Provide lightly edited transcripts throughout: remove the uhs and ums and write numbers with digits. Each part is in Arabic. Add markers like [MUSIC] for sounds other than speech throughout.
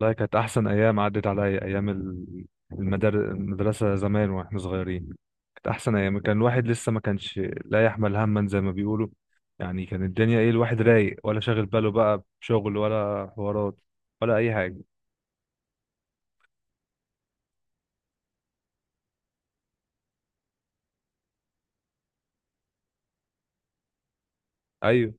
لا، كانت أحسن أيام عدت عليا. أيام المدرسة زمان وإحنا صغيرين. كانت أحسن أيام، كان الواحد لسه ما كانش لا يحمل هما زي ما بيقولوا. يعني، كان الدنيا إيه، الواحد رايق، ولا شاغل باله بقى بشغل ولا حوارات ولا أي حاجة. أيوه.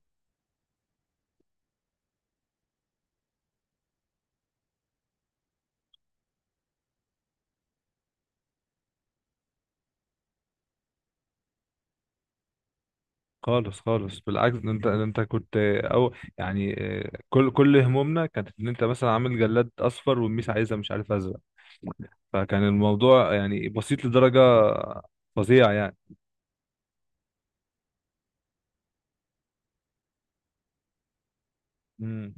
خالص خالص، بالعكس. أنت كنت أو يعني، كل همومنا كانت إن أنت مثلا عامل جلاد أصفر والميس عايزة مش عارف أزرق. فكان الموضوع يعني بسيط لدرجة فظيعة. يعني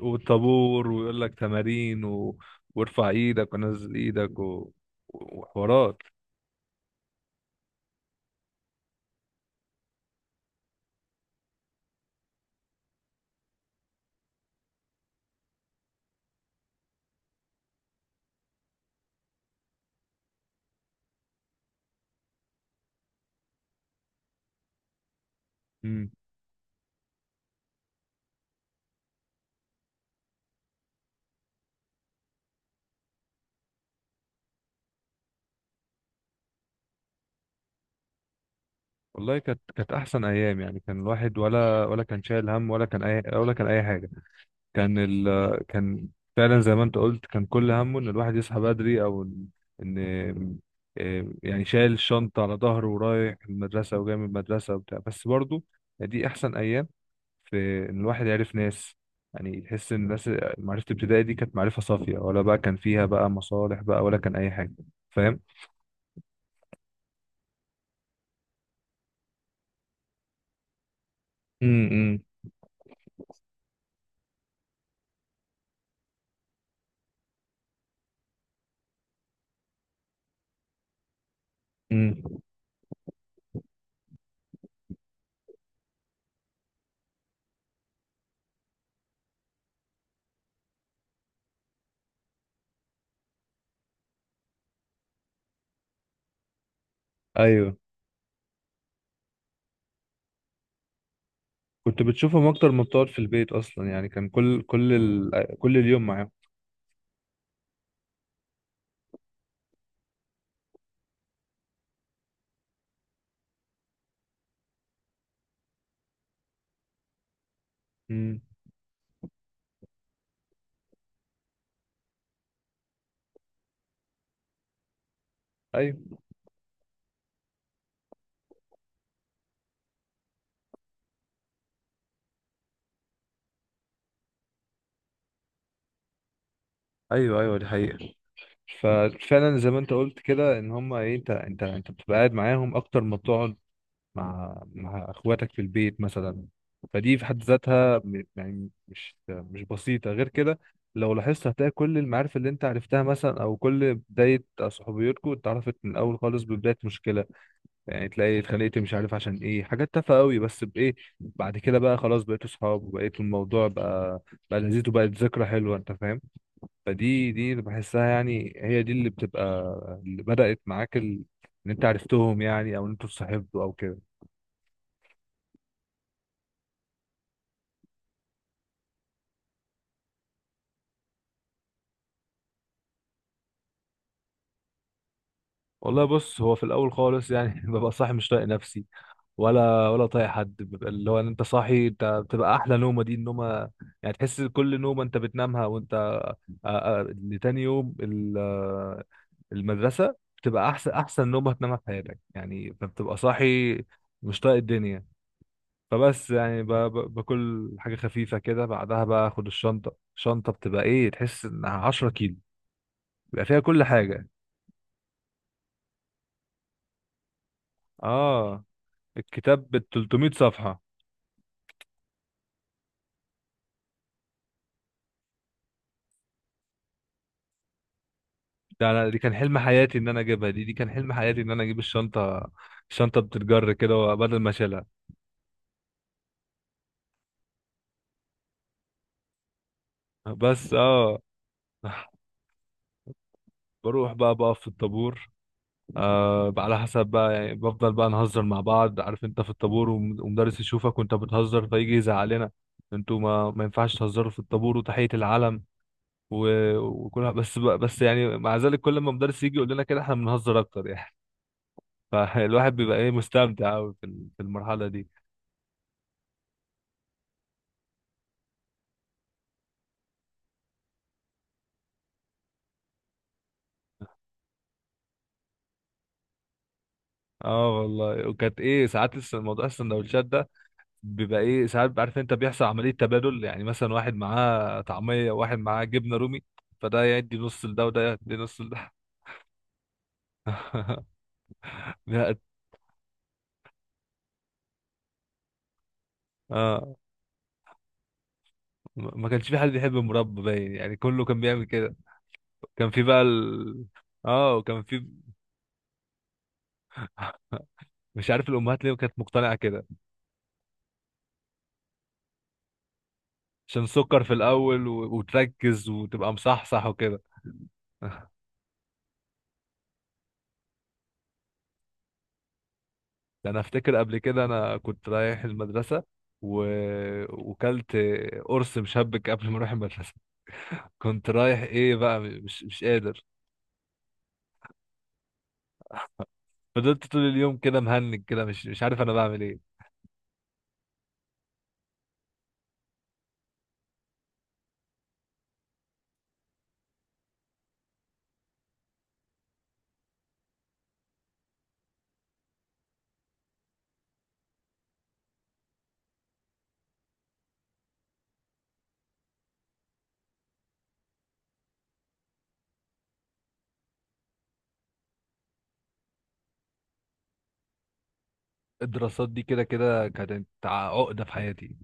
والطابور ويقول لك تمارين وارفع ايدك ونزل ايدك وحوارات. امم. والله كانت احسن ايام، يعني كان الواحد ولا كان شايل هم، ولا كان اي ولا كان اي حاجه. كان ال... كان فعلا زي ما انت قلت، كان كل همه ان الواحد يصحى بدري، او ان إن- إيه، يعني شايل الشنطه على ظهره ورايح المدرسه وجاي من المدرسه وبتاع. بس برضه دي احسن ايام في ان الواحد عرف ناس. يعني تحس ان الناس، معرفة الابتدائي دي كانت معرفة صافية، ولا بقى كان فيها بقى مصالح بقى ولا كان اي حاجة، فاهم. امم. امم. ايوه، كنت بتشوفهم اكتر ما بتقعد في البيت اصلا. يعني كان كل اليوم معاهم. امم. ايوه. ايوه ايوه دي حقيقة. ففعلا زي ما انت قلت كده، ان هم ايه، انت بتبقى قاعد معاهم اكتر ما بتقعد مع اخواتك في البيت مثلا. فدي في حد ذاتها يعني مش بسيطة غير كده. لو لاحظت هتلاقي كل المعارف اللي انت عرفتها مثلا، او كل بداية صحوبيتكم، اتعرفت من الاول خالص ببداية مشكلة. يعني تلاقي اتخانقت مش عارف عشان ايه، حاجات تافهة قوي، بس بايه بعد كده بقى خلاص بقيتوا صحاب، وبقيت الموضوع بقى لذيذ وبقت ذكرى حلوة، انت فاهم. فدي اللي بحسها، يعني هي دي اللي بتبقى اللي بدأت معاك ان انت عرفتهم، يعني او ان انتوا اتصاحبتوا او كده. والله بص، هو في الاول خالص يعني [LAUGHS] ببقى صاحي مش طايق نفسي، ولا طايق حد. ببقى اللي هو إن انت صاحي، انت بتبقى احلى نومه دي النومه. يعني تحس كل نومه انت بتنامها وانت لتاني يوم المدرسه، بتبقى احسن نومه هتنامها في حياتك. يعني فبتبقى صاحي مش طايق الدنيا. فبس يعني باكل حاجه خفيفه كده، بعدها بقى اخد الشنطه. الشنطه، بتبقى ايه، تحس انها 10 كيلو، بيبقى فيها كل حاجه. اه، الكتاب ب 300 صفحه. ده انا دي كان حلم حياتي ان انا اجيبها، دي كان حلم حياتي ان انا اجيب الشنطه الشنطه بتتجر كده بدل ما اشيلها. بس اه [LAUGHS] بروح بقى بقف في الطابور. آه بقى على حسب بقى، يعني بفضل بقى نهزر مع بعض، عارف انت في الطابور، ومدرس يشوفك وانت بتهزر فيجي يزعلنا: انتوا ما ينفعش تهزروا في الطابور وتحية العلم و... وكلها. بس بقى، بس يعني مع ذلك كل ما مدرس يجي يقول لنا كده احنا بنهزر اكتر يعني [LAUGHS] فالواحد بيبقى ايه، مستمتع قوي في المرحلة دي. اه والله، وكانت ايه ساعات موضوع السندوتشات ده بيبقى ايه ساعات، عارف انت بيحصل عملية تبادل. يعني مثلا واحد معاه طعمية وواحد معاه جبنة رومي، فده يدي نص لده وده يدي نص لده. [LAUGHS] لا، اه ما كانش في حد بيحب المربى باين، يعني كله كان بيعمل كده. كان في بقى ال... اه وكان في [LAUGHS] مش عارف الامهات ليه كانت مقتنعة كده. عشان سكر في الاول وتركز وتبقى مصحصح وكده. ده انا افتكر قبل كده انا كنت رايح المدرسه و... وكلت قرص مشبك قبل ما اروح المدرسه. كنت رايح ايه بقى، مش قادر، فضلت طول اليوم كده مهنج كده، مش عارف انا بعمل ايه. الدراسات دي كده كده كانت عقده في حياتي.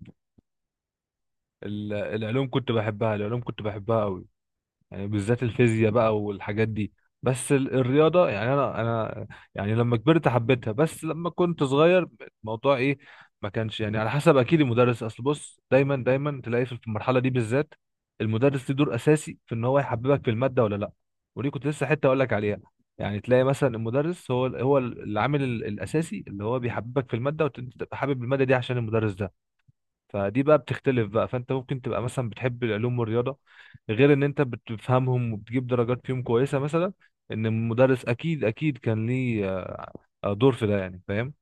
العلوم كنت بحبها، العلوم كنت بحبها قوي. يعني بالذات الفيزياء بقى والحاجات دي. بس الرياضة، يعني أنا يعني لما كبرت حبيتها، بس لما كنت صغير الموضوع إيه ما كانش يعني على حسب. أكيد المدرس، أصل بص، دايما تلاقي في المرحلة دي بالذات المدرس ليه دور أساسي في إن هو يحببك في المادة ولا لأ. ودي كنت لسه حتة أقول لك عليها. يعني تلاقي مثلا المدرس هو العامل الأساسي اللي هو بيحببك في المادة، وأنت تبقى حابب المادة دي عشان المدرس ده. فدي بقى بتختلف بقى، فانت ممكن تبقى مثلا بتحب العلوم والرياضه، غير ان انت بتفهمهم وبتجيب درجات فيهم كويسه مثلا. ان المدرس اكيد كان ليه دور في ده، يعني فاهم.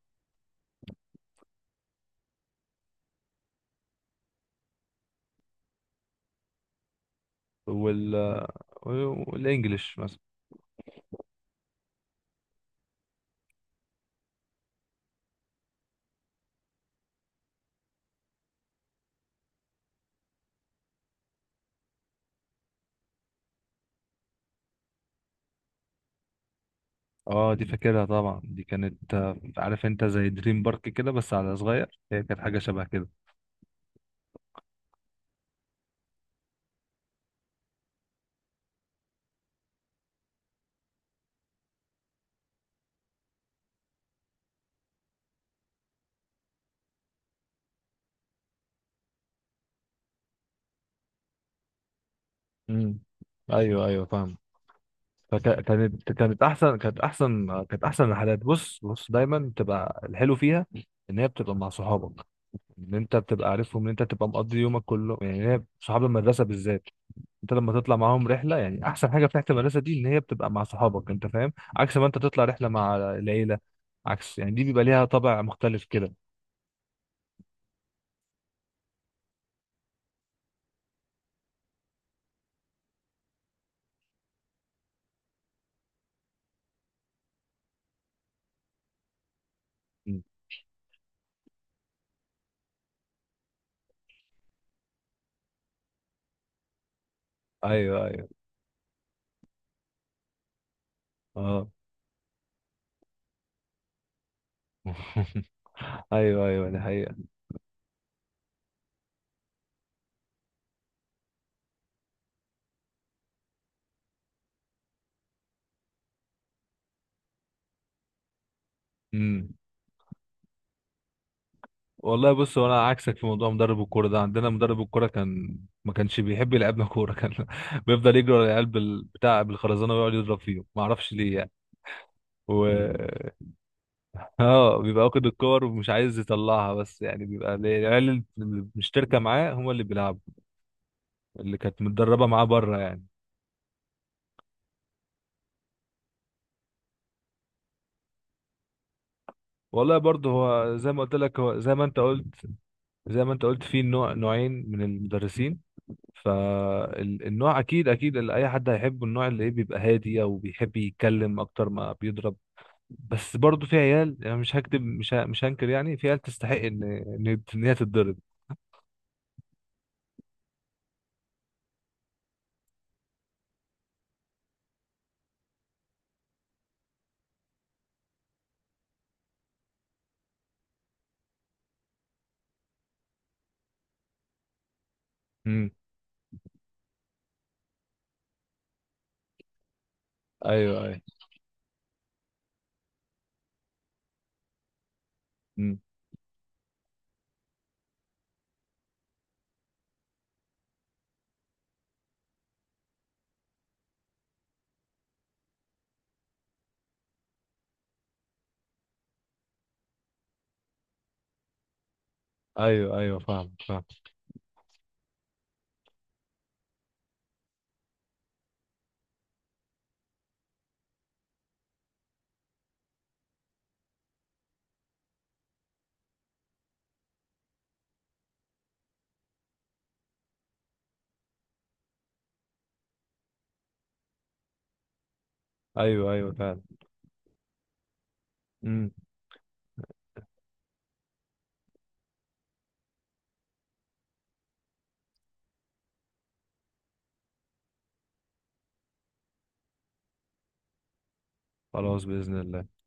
وال والانجليش مثلا. اه دي فاكرها طبعا، دي كانت عارف انت زي دريم بارك كده بس على صغير، هي كانت حاجه شبه كده. امم. ايوه ايوه فاهم. فكانت كانت احسن الحالات. بص دايما بتبقى الحلو فيها ان هي بتبقى مع صحابك، ان انت بتبقى عارفهم، ان انت تبقى مقضي يومك كله. يعني هي صحاب المدرسه بالذات انت لما تطلع معاهم رحله، يعني احسن حاجه في رحله المدرسه دي ان هي بتبقى مع صحابك، انت فاهم، عكس ما انت تطلع رحله مع العيله. عكس، يعني دي بيبقى ليها طابع مختلف كده. مم. ايوه ايوه. اه. [LAUGHS] ايوه ايوه دي حقيقه. امم. والله بص، هو انا عكسك في موضوع مدرب الكوره ده. عندنا مدرب الكوره كان ما كانش بيحب يلعبنا كوره، كان [LAUGHS] بيفضل يجري على العيال بال- بتاع بالخرزانه ويقعد يضرب فيهم، ما اعرفش ليه يعني. و... اه، بيبقى واخد الكور ومش عايز يطلعها. بس يعني بيبقى العيال اللي مشتركه معاه هم اللي بيلعبوا، اللي كانت متدربه معاه بره يعني. والله برضه هو زي ما قلت لك، هو زي ما انت قلت، زي ما انت قلت في نوع، نوعين من المدرسين. فالنوع اكيد اللي اي حد هيحبه النوع اللي ايه بيبقى هادي، او بيحب يتكلم اكتر ما بيضرب. بس برضه في عيال، يعني مش هكتب، مش هنكر يعني، في عيال تستحق ان إن هي تتضرب. امم. ايوه ايوه. امم. ايوه ايوه فاهم فاهم. ايوه ايوه فعلا. امم. خلاص بإذن الله.